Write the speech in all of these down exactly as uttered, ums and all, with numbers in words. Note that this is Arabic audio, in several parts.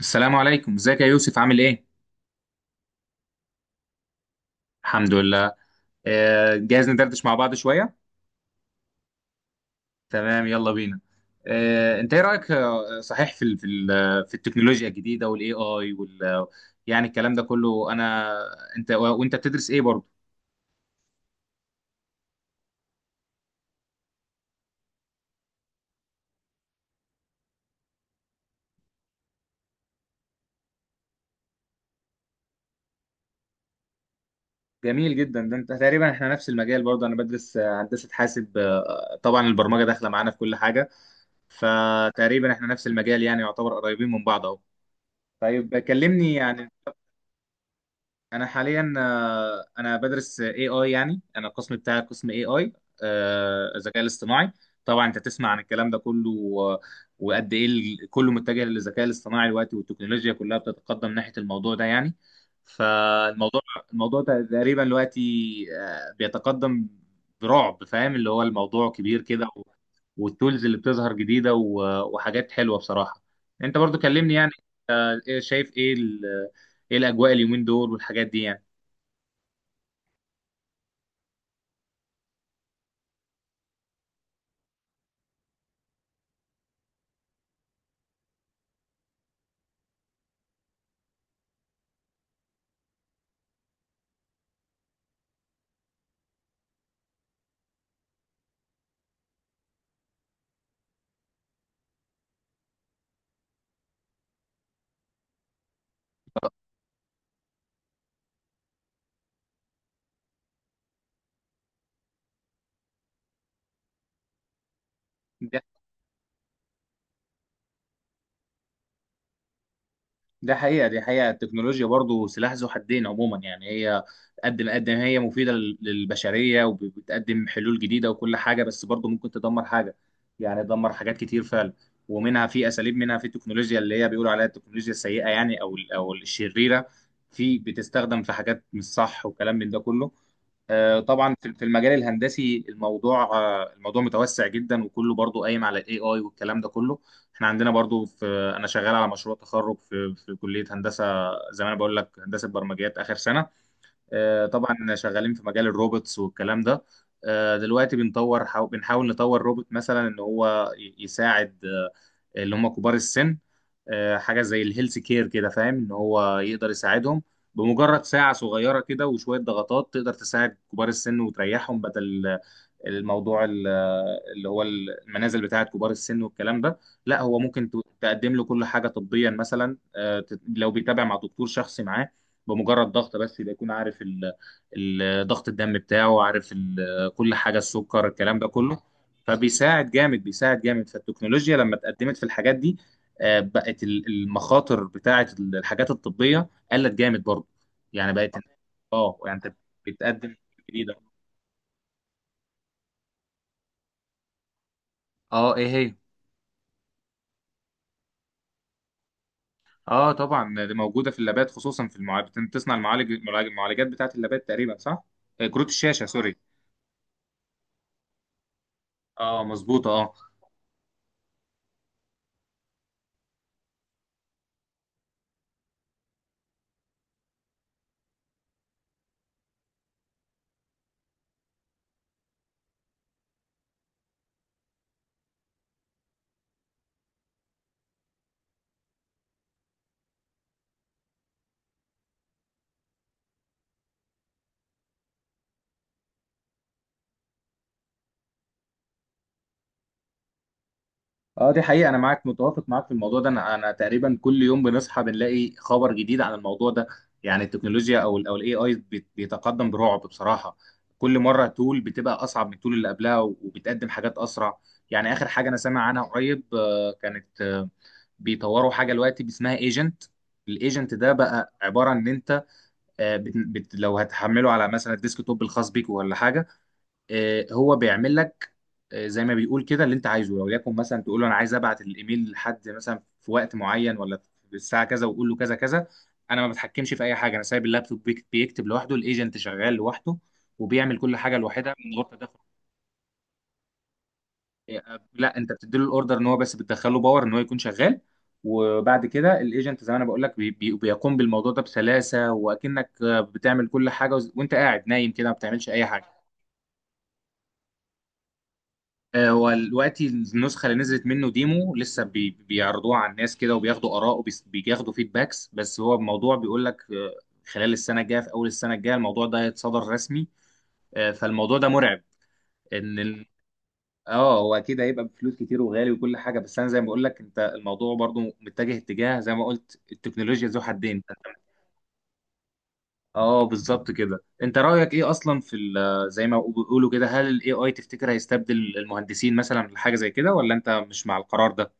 السلام عليكم، ازيك يا يوسف، عامل ايه؟ الحمد لله. آه، جاهز ندردش مع بعض شويه. تمام يلا بينا. آه، انت ايه رايك آه، صحيح في ال- في ال- في التكنولوجيا الجديده والاي اي وال... يعني الكلام ده كله انا انت وانت بتدرس ايه برضه؟ جميل جدا، ده انت تقريبا احنا نفس المجال برضه، انا بدرس آه، هندسه حاسب. آه، طبعا البرمجه داخله معانا في كل حاجه. فتقريبا احنا نفس المجال، يعني يعتبر قريبين من بعض اهو. طيب كلمني يعني. انا حاليا آه، انا بدرس اي اي، يعني انا القسم بتاعي قسم اي اي. الذكاء الاصطناعي. طبعا انت تسمع عن الكلام ده كله و... وقد ايه ال- كله متجه للذكاء الاصطناعي دلوقتي، والتكنولوجيا كلها بتتقدم ناحية الموضوع ده يعني. فالموضوع الموضوع ده تقريبا دلوقتي آه، بيتقدم برعب، فاهم؟ اللي هو الموضوع كبير كده و- والتولز اللي بتظهر جديدة، و- وحاجات حلوة بصراحة. انت برضو كلمني يعني. آه، إيه- شايف ايه؟ ايه الاجواء اليومين دول والحاجات دي يعني؟ ده ده حقيقه، دي حقيقه، التكنولوجيا برضو سلاح ذو حدين عموما، يعني هي قد ما قد ما هي مفيده لل- للبشريه وبتقدم حلول جديده وكل حاجه، بس برضو ممكن تدمر حاجه. يعني تدمر حاجات كتير فعلا. ومنها في اساليب، منها في التكنولوجيا اللي هي بيقولوا عليها التكنولوجيا السيئه يعني، او ال- او الشريره. في بتستخدم في حاجات مش صح وكلام من ده كله. آه، طبعا في في المجال الهندسي، الموضوع آه، الموضوع متوسع جدا، وكله برضو قايم على الاي اي والكلام ده كله. احنا عندنا برضو في... انا شغال على مشروع تخرج في في كليه هندسه، زي ما انا بقول لك، هندسه برمجيات اخر سنه. آه، طبعا شغالين في مجال الروبوتس والكلام ده. آه، دلوقتي بنطور حاو- بنحاول نطور روبوت مثلا، ان هو ي- يساعد آه، اللي هم كبار السن. آه، حاجه زي الهيلث كير كده، فاهم؟ ان هو يقدر يساعدهم، بمجرد ساعه صغيره كده وشويه ضغطات تقدر تساعد كبار السن وتريحهم، بدل الموضوع ال- اللي هو المنازل بتاعه كبار السن والكلام ده. لا، هو ممكن ت- تقدم له كل حاجه طبيا مثلا، آه، ت- لو بيتابع مع دكتور شخصي معاه بمجرد ضغط بس، يبقى يكون عارف ال- ال- ضغط الدم بتاعه، عارف ال- كل حاجه، السكر، الكلام ده كله. فبيساعد جامد بيساعد جامد. فالتكنولوجيا لما اتقدمت في الحاجات دي، آه، بقت ال- المخاطر بتاعه الحاجات الطبيه قلت جامد برضه، يعني بقت... اه يعني انت بتقدم جديده. اه، ايه هي؟ اه طبعا، دي موجوده في اللابات، خصوصا في المعالج، بتصنع المعالج المعالج- المعالجات بتاعت اللابات تقريبا، صح؟ آه، كروت الشاشه، سوري. اه مظبوطه، اه. اه دي حقيقه، انا معاك، متوافق معاك في الموضوع ده. انا انا تقريبا كل يوم بنصحى بنلاقي خبر جديد عن الموضوع ده، يعني التكنولوجيا او ال او الاي اي بيتقدم برعب بصراحه. كل مره تول بتبقى اصعب من التول اللي قبلها وبتقدم حاجات اسرع. يعني اخر حاجه انا سامع عنها قريب آه، كانت آه، بيطوروا حاجه دلوقتي اسمها ايجنت. الايجنت ده بقى عباره ان انت آه، بت... بت... لو هتحمله على مثلا الديسك توب الخاص بيك ولا حاجه، آه، هو بيعمل لك آه، زي ما بيقول كده اللي انت عايزه. لو ليكن مثلا تقول له انا عايز ابعت الايميل لحد مثلا في وقت معين، ولا في الساعه كذا، وقول له كذا كذا. انا ما بتحكمش في اي حاجه، انا سايب اللابتوب بيك- بيكتب لوحده، الايجنت شغال لوحده وبيعمل كل حاجه لوحدها من غير تدخل. لا، انت بتديله الاوردر ان هو بس، بتدخله باور ان هو يكون شغال، وبعد كده الايجنت زي ما انا بقول لك بي بي بيقوم بالموضوع ده بسلاسه، واكنك آه، بتعمل كل حاجه، وز- وانت قاعد نايم كده ما بتعملش اي حاجه. آه، والوقت النسخه اللي نزلت منه ديمو لسه، بي بيعرضوها على الناس كده وبياخدوا اراء وبياخدوا فيدباكس، بس هو الموضوع بيقول لك آه، خلال السنه الجايه، في اول السنه الجايه، الموضوع ده هيتصدر رسمي. آه، فالموضوع ده مرعب، ان... اه هو اكيد هيبقى بفلوس كتير وغالي وكل حاجه، بس انا زي ما بقول لك انت، الموضوع برضو متجه اتجاه زي ما قلت، التكنولوجيا ذو حدين. اه بالظبط كده. انت رايك ايه اصلا في ال- زي ما بيقولوا كده، هل الاي اي تفتكر هيستبدل المهندسين مثلا في حاجه زي كده، ولا انت مش مع القرار ده؟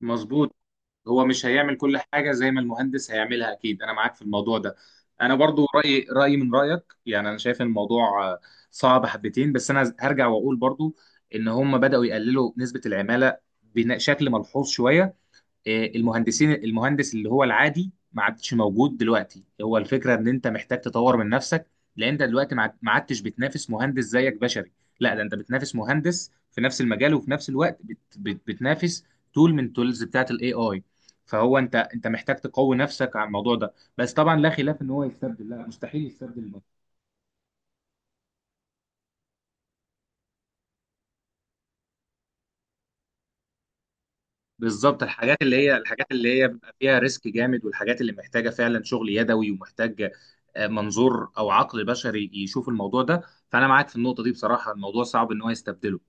مظبوط. هو مش هيعمل كل حاجة زي ما المهندس هيعملها، أكيد أنا معاك في الموضوع ده. أنا برضو رأيي رأيي من رأيك، يعني أنا شايف إن الموضوع آه، صعب حبتين، بس أنا هرجع وأقول برضو إن هم بدأوا يقللوا نسبة العمالة بشكل ملحوظ شوية. آه، المهندسين المهندس اللي هو العادي ما عادش موجود دلوقتي، هو الفكره ان انت محتاج تطور من نفسك، لان انت دلوقتي ما عاد- ما عادتش بتنافس مهندس زيك بشري. لا ده انت بتنافس مهندس في نفس المجال، وفي نفس الوقت بت بت بتنافس تول من تولز بتاعت الاي اي. فهو انت انت محتاج تقوي نفسك على الموضوع ده، بس طبعا لا خلاف، ان هو يستبدل؟ لا، مستحيل يستبدل. بالظبط، الحاجات اللي هي الحاجات اللي هي بيبقى فيها ريسك جامد، والحاجات اللي محتاجه فعلا شغل يدوي، ومحتاج آه، منظور او عقل بشري يشوف الموضوع ده. فانا معاك في النقطه دي بصراحه، الموضوع صعب ان هو يستبدله.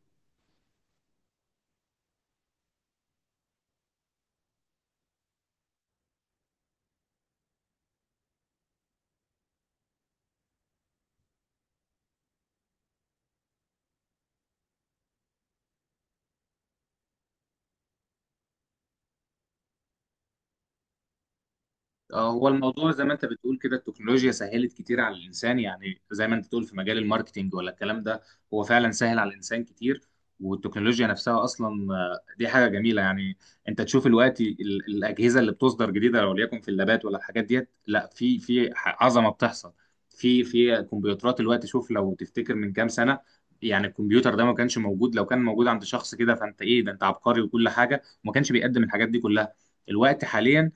آه، هو الموضوع زي ما انت بتقول كده، التكنولوجيا سهلت كتير على الانسان، يعني زي ما انت بتقول في مجال الماركتينج ولا الكلام ده، هو فعلا سهل على الانسان كتير. والتكنولوجيا نفسها اصلا آه، دي حاجه جميله يعني. انت تشوف الوقت ال- الاجهزه اللي بتصدر جديده، لو ليكن في اللابات ولا الحاجات ديت، لا في في ح- عظمه بتحصل في في كمبيوترات الوقت. شوف لو تفتكر من كام سنه، يعني الكمبيوتر ده ما كانش موجود، لو كان موجود عند شخص كده فانت ايه ده، انت عبقري وكل حاجه، وما كانش بيقدم الحاجات دي كلها. الوقت حاليا،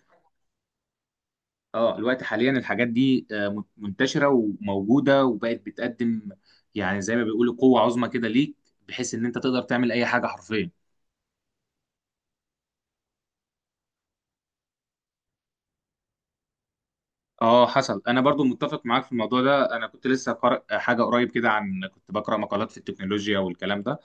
اه الوقت حاليا الحاجات دي آه، منتشره وموجوده وبقت بتقدم، يعني زي ما بيقولوا قوه عظمى كده ليك، بحيث ان انت تقدر تعمل اي حاجه حرفيا. اه حصل، انا برضو متفق معاك في الموضوع ده. انا كنت لسه قارئ حاجه قريب كده، عن كنت بقرا مقالات في التكنولوجيا والكلام ده.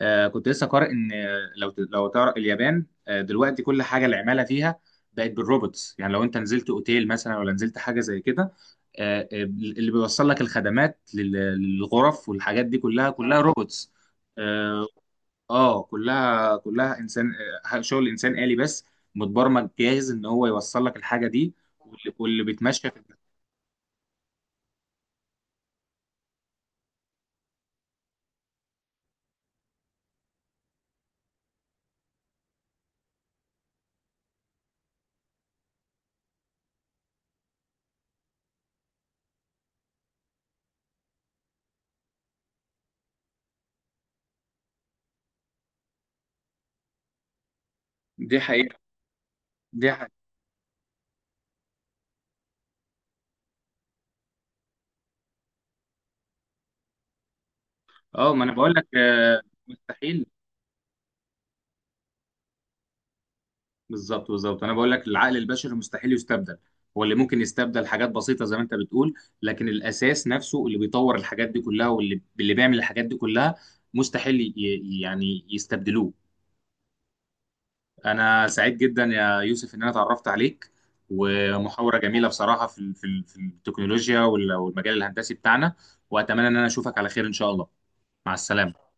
آه كنت لسه قارئ ان آه، لو ت- لو تعرف اليابان آه دلوقتي كل حاجه العماله فيها بقت بالروبوتس. يعني لو انت نزلت اوتيل مثلا ولا نزلت حاجه زي كده، آه آه، اللي بيوصل لك الخدمات لل- للغرف والحاجات دي كلها، كلها روبوتس. اه، آه، كلها كلها انسان، آه شغل انسان آلي بس، متبرمج جاهز ان هو يوصل لك الحاجه دي واللي واللي بيتمشى في... دي حقيقه، دي حقيقه. اه ما انا بقول لك آه مستحيل. بالظبط، بالظبط، انا بقول لك العقل البشري مستحيل يستبدل. هو اللي ممكن يستبدل حاجات بسيطه زي ما انت بتقول، لكن الاساس نفسه اللي بيطور الحاجات دي كلها، واللي اللي بيعمل الحاجات دي كلها، مستحيل ي- يعني يستبدلوه. انا سعيد جدا يا يوسف ان انا اتعرفت عليك، ومحاورة جميلة بصراحة في ال- في ال- في التكنولوجيا وال- والمجال الهندسي بتاعنا. واتمنى ان انا اشوفك على خير ان شاء الله. مع السلامة.